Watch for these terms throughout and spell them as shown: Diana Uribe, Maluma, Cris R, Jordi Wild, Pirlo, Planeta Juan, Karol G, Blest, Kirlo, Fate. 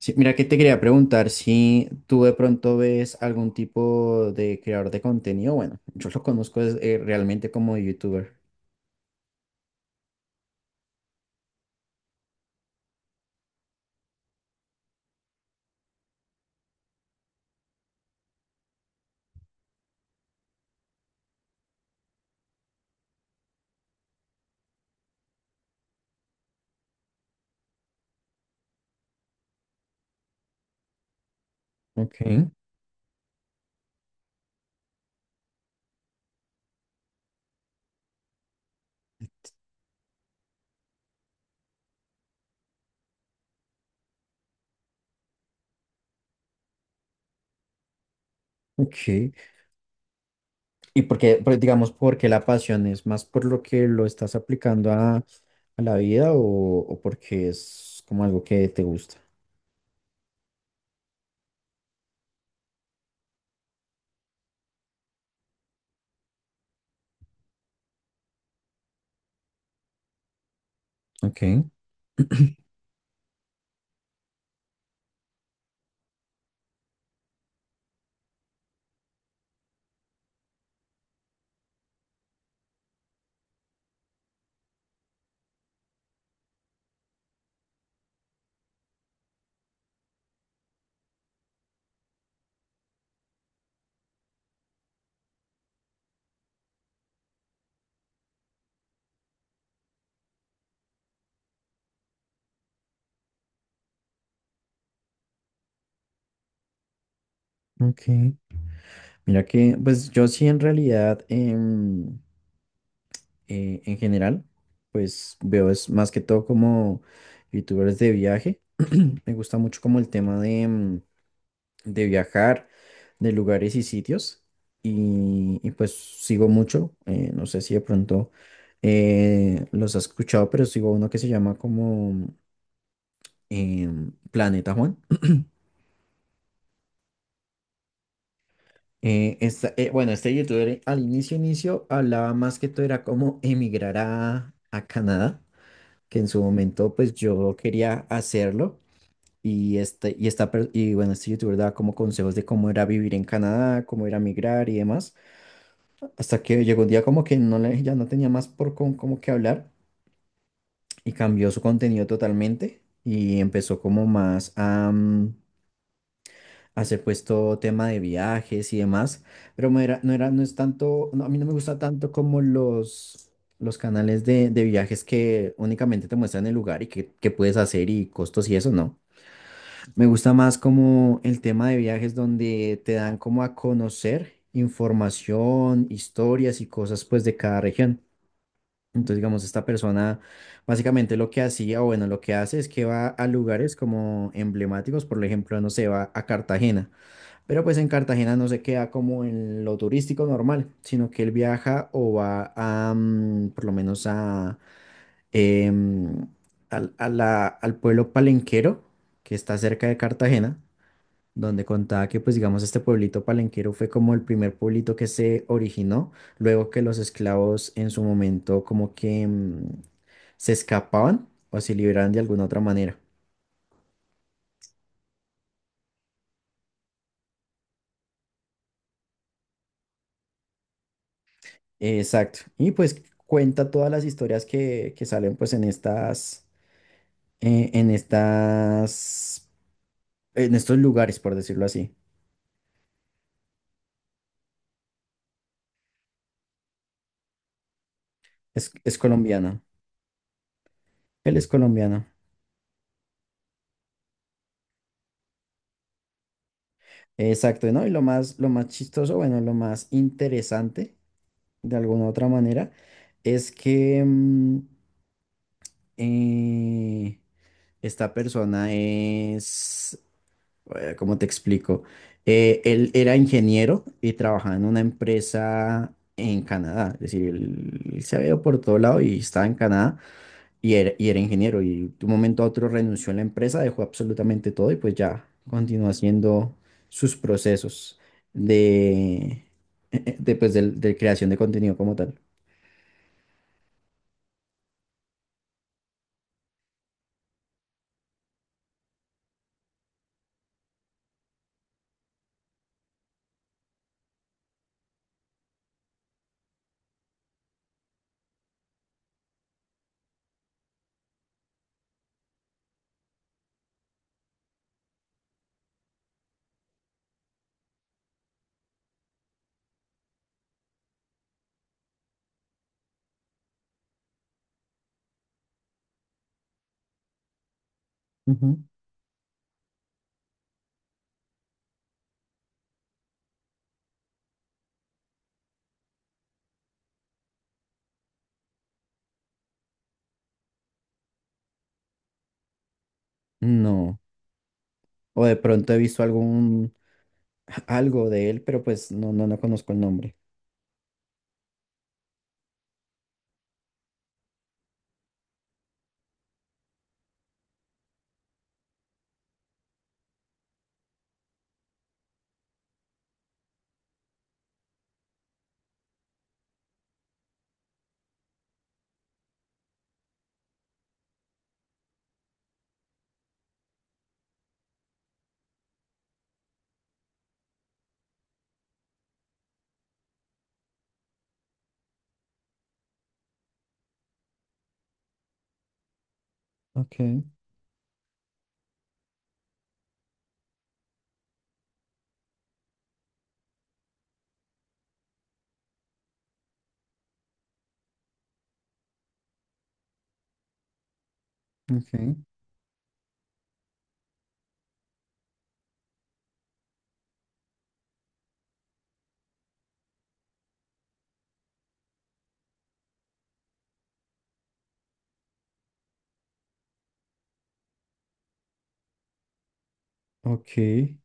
Sí, mira que te quería preguntar si tú de pronto ves algún tipo de creador de contenido. Bueno, yo lo conozco es, realmente como youtuber. Ok, ok. Y porque, digamos, porque la pasión es más por lo que lo estás aplicando a la vida, o porque es como algo que te gusta. Ok, ok. Mira que, pues yo sí en realidad, en general, pues veo es más que todo como youtubers de viaje. Me gusta mucho como el tema de, de viajar, de lugares y sitios. Y pues sigo mucho, no sé si de pronto los has escuchado, pero sigo uno que se llama como eh, Planeta Juan. Este youtuber al inicio hablaba más que todo era como emigrar a Canadá, que en su momento pues yo quería hacerlo. Y, este, y, esta, per- y bueno, este youtuber daba como consejos de cómo era vivir en Canadá, cómo era migrar y demás. Hasta que llegó un día como que no le, ya no tenía más por con, como que hablar, y cambió su contenido totalmente y empezó como más a hacer pues todo tema de viajes y demás. Pero no es tanto, no, a mí no me gusta tanto como los canales de viajes que únicamente te muestran el lugar y qué puedes hacer y costos y eso, ¿no? Me gusta más como el tema de viajes donde te dan como a conocer información, historias y cosas pues de cada región. Entonces, digamos, esta persona básicamente lo que hacía, o bueno, lo que hace es que va a lugares como emblemáticos, por ejemplo, no sé, va a Cartagena, pero pues en Cartagena no se queda como en lo turístico normal, sino que él viaja o va a, por lo menos a, em, al pueblo palenquero que está cerca de Cartagena, donde contaba que, pues digamos, este pueblito palenquero fue como el primer pueblito que se originó, luego que los esclavos en su momento como que se escapaban o se liberaban de alguna otra manera. Exacto. Y pues cuenta todas las historias que salen pues eh, en estas, en estos lugares, por decirlo así. Es colombiana. Él es colombiano. Exacto, ¿no? Y lo más chistoso, bueno, lo más interesante de alguna otra manera, es que eh, esta persona es, ¿cómo te explico? Él era ingeniero y trabajaba en una empresa en Canadá, es decir, él se había ido por todo lado y estaba en Canadá y era ingeniero, y de un momento a otro renunció a la empresa, dejó absolutamente todo y pues ya continuó haciendo sus procesos de, de, pues, de creación de contenido como tal. No. O de pronto he visto algún algo de él, pero pues no, no, no conozco el nombre. Ok, ok, ok,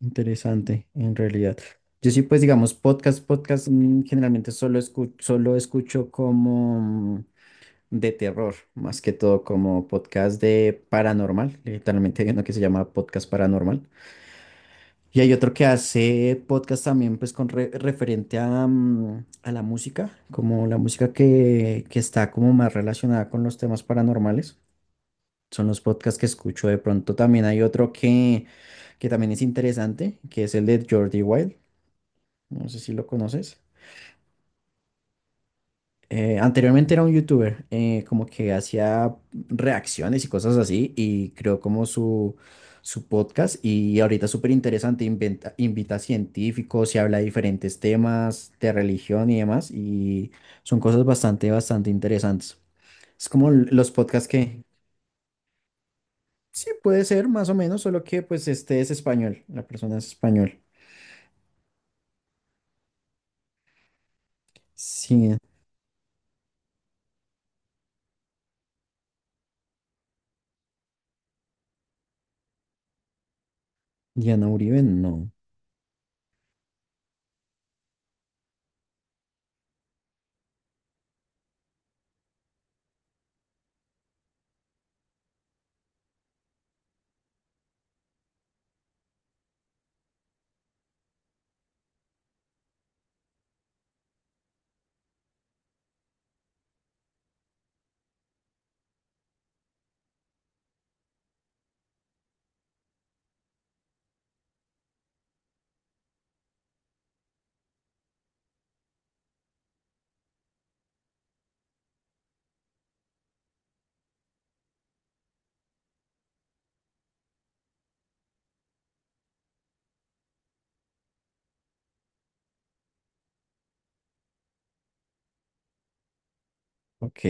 interesante, en realidad. Yo sí, pues digamos, podcast, generalmente solo escucho como de terror, más que todo como podcast de paranormal. Literalmente hay uno que se llama podcast paranormal. Y hay otro que hace podcast también, pues con referente a, a la música, como la música que está como más relacionada con los temas paranormales. Son los podcasts que escucho de pronto. También hay otro que también es interesante, que es el de Jordi Wild. No sé si lo conoces. Anteriormente era un youtuber, como que hacía reacciones y cosas así, y creó como su podcast, y ahorita es súper interesante, invita a científicos y habla de diferentes temas de religión y demás, y son cosas bastante interesantes. Es como los podcasts que, sí, puede ser más o menos, solo que pues este es español, la persona es español. Sí, Diana Uribe, no. Ok,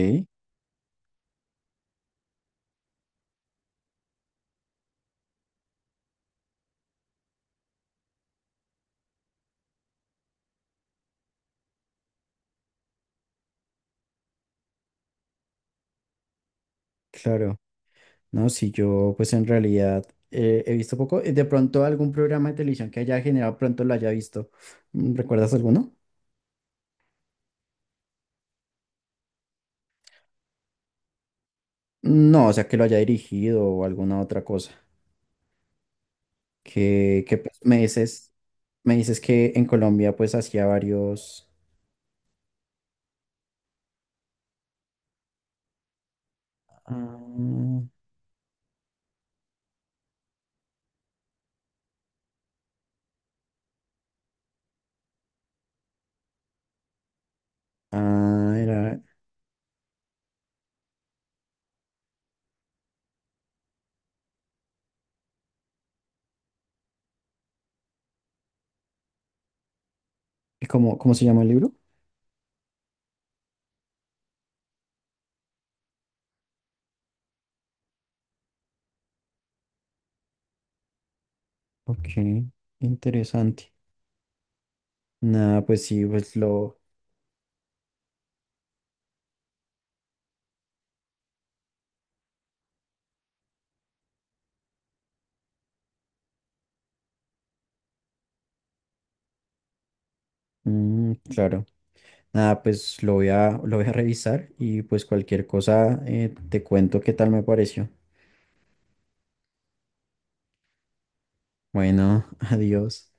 claro. No, si yo pues en realidad he visto poco. De pronto algún programa de televisión que haya generado pronto lo haya visto. Mm, ¿recuerdas alguno? No, o sea, que lo haya dirigido o alguna otra cosa. Que pues, me dices que en Colombia pues hacía varios... Ah, ah, era... ¿Y cómo se llama el libro? Ok, interesante. Nada, pues sí, pues lo... Mm, claro. Nada, pues lo voy lo voy a revisar y pues cualquier cosa te cuento qué tal me pareció. Bueno, adiós.